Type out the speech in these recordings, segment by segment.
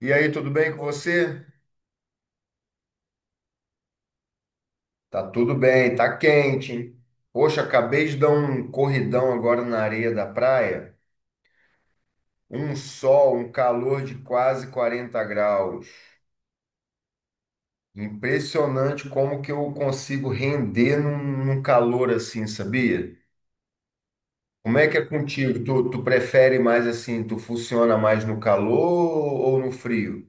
E aí, tudo bem com você? Tá tudo bem, tá quente, hein? Poxa, acabei de dar um corridão agora na areia da praia. Um sol, um calor de quase 40 graus. Impressionante como que eu consigo render num calor assim, sabia? Como é que é contigo? Tu prefere mais assim, tu funciona mais no calor ou no frio?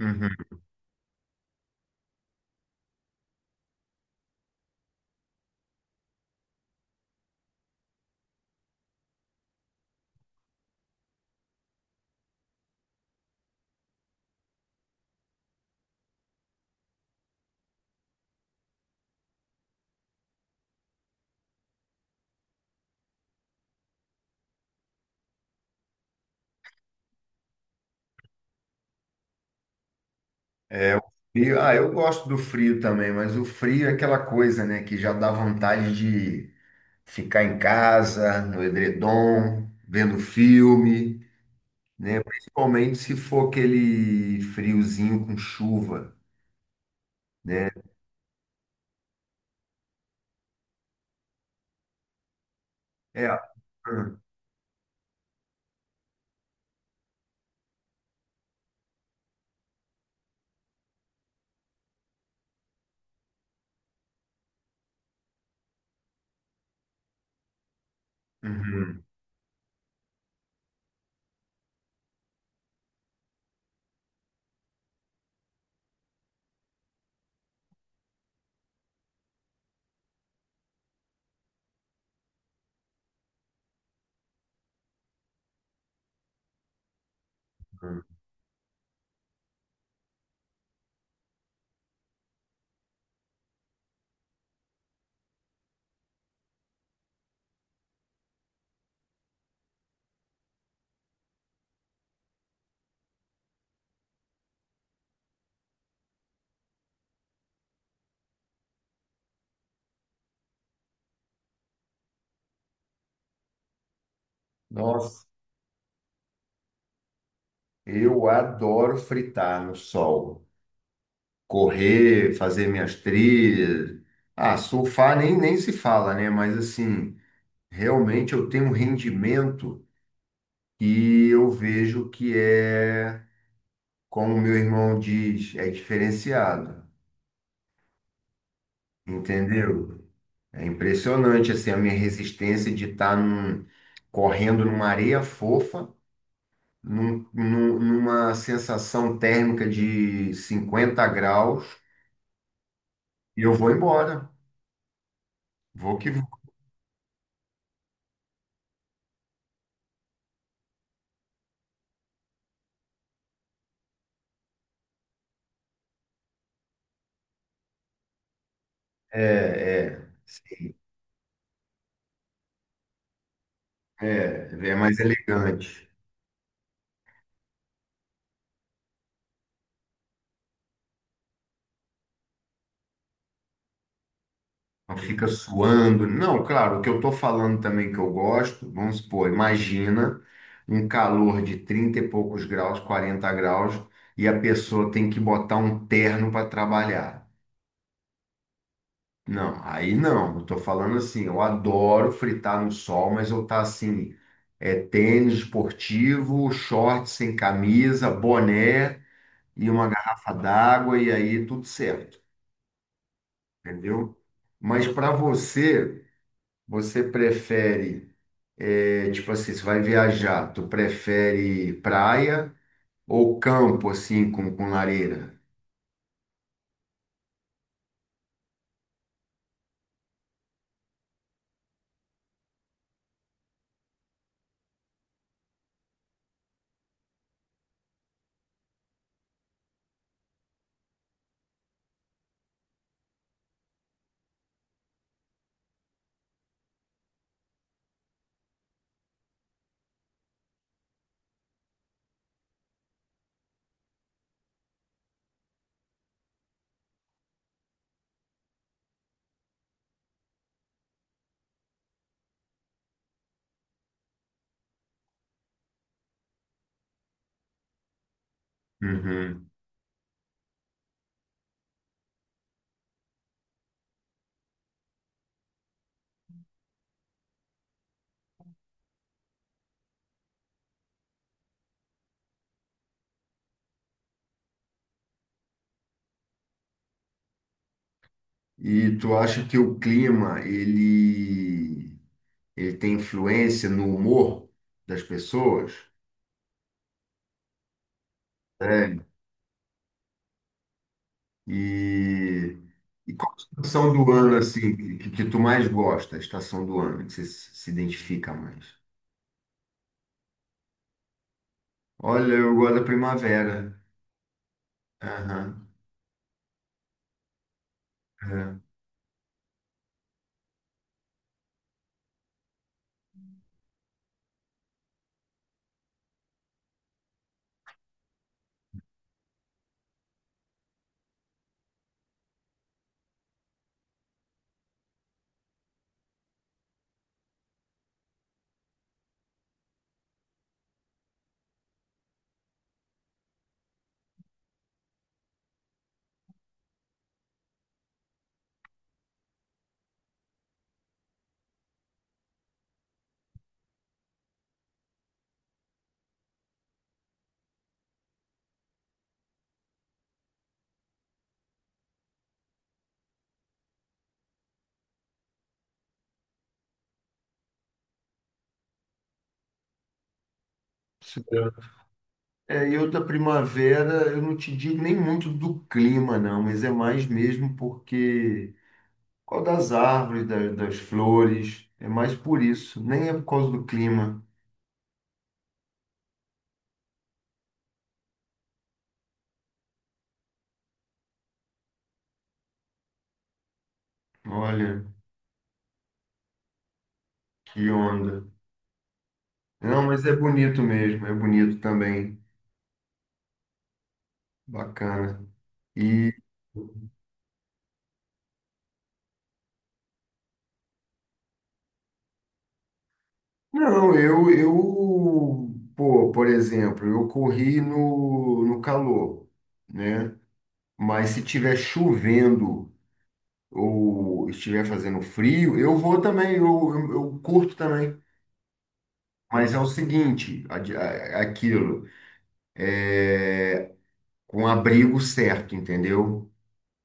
Uhum. É, o frio. Ah, eu gosto do frio também, mas o frio é aquela coisa, né, que já dá vontade de ficar em casa, no edredom, vendo filme, né? Principalmente se for aquele friozinho com chuva, né? É. hum, uhum, uhum. Nossa, eu adoro fritar no sol, correr, fazer minhas trilhas. Ah, surfar nem se fala, né? Mas assim, realmente eu tenho um rendimento e eu vejo que é, como meu irmão diz, é diferenciado, entendeu? É impressionante assim a minha resistência de estar correndo numa areia fofa, numa sensação térmica de 50 graus, e eu vou embora. Vou que vou. É, é, é, mais elegante. Não fica suando. Não, claro, o que eu estou falando também que eu gosto, vamos supor, imagina um calor de 30 e poucos graus, 40 graus, e a pessoa tem que botar um terno para trabalhar. Não, aí não. Eu tô falando assim, eu adoro fritar no sol, mas eu tá assim, é tênis esportivo, short sem camisa, boné e uma garrafa d'água e aí tudo certo, entendeu? Mas para você, você prefere, é, tipo assim, você vai viajar, tu prefere praia ou campo assim com lareira? Uhum. E tu acha que o clima, ele tem influência no humor das pessoas. Né? E, e qual a estação do ano assim que tu mais gosta, a estação do ano que você se identifica mais? Olha, eu gosto da primavera. Aham. É. Sim. É, eu da primavera, eu não te digo nem muito do clima, não, mas é mais mesmo porque qual das árvores, das flores, é mais por isso, nem é por causa do clima. Olha, que onda. Não, mas é bonito mesmo, é bonito também. Bacana. E não, pô, por exemplo, eu corri no calor, né? Mas se tiver chovendo ou estiver fazendo frio, eu vou também, eu curto também. Mas é o seguinte, aquilo, com abrigo certo, entendeu?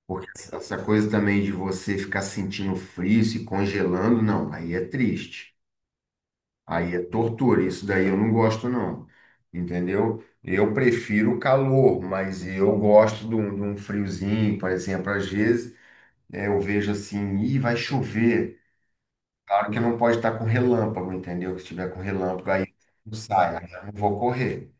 Porque essa coisa também de você ficar sentindo frio, se congelando, não, aí é triste. Aí é tortura, isso daí eu não gosto, não. Entendeu? Eu prefiro o calor, mas eu gosto de um friozinho, por exemplo. Às vezes é, eu vejo assim, ih, vai chover. Claro que não pode estar com relâmpago, entendeu? Que se tiver com relâmpago, aí eu saio, aí eu não vou correr.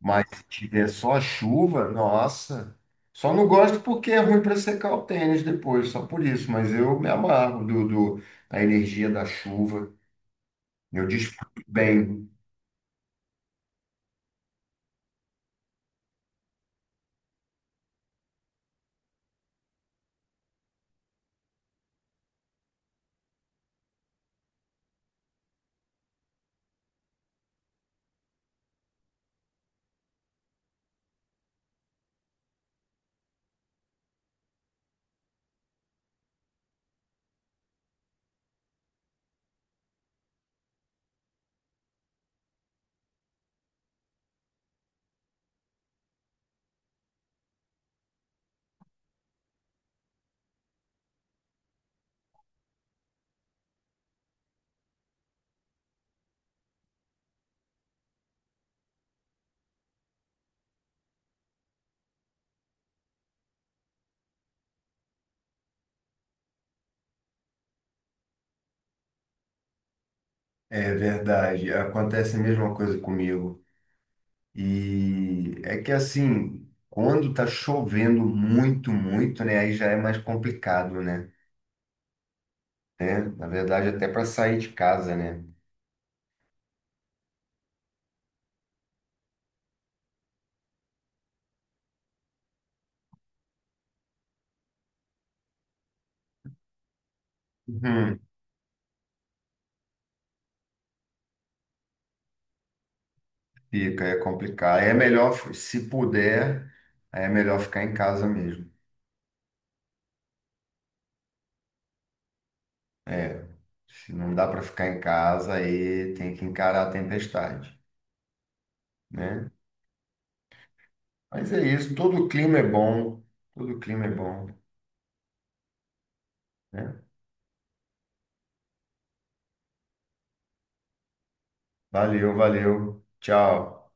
Mas se tiver só chuva, nossa. Só não gosto porque é ruim para secar o tênis depois, só por isso. Mas eu me amarro da energia da chuva. Eu desfruto bem. É verdade, acontece a mesma coisa comigo. E é que assim, quando tá chovendo muito, né, aí já é mais complicado, né? Né? Na verdade, até para sair de casa, né? Uhum. Fica, é complicado. Aí é melhor, se puder, aí é melhor ficar em casa mesmo. É, se não dá para ficar em casa, aí tem que encarar a tempestade, né? Mas é isso, todo clima é bom, né? Valeu, valeu. Tchau.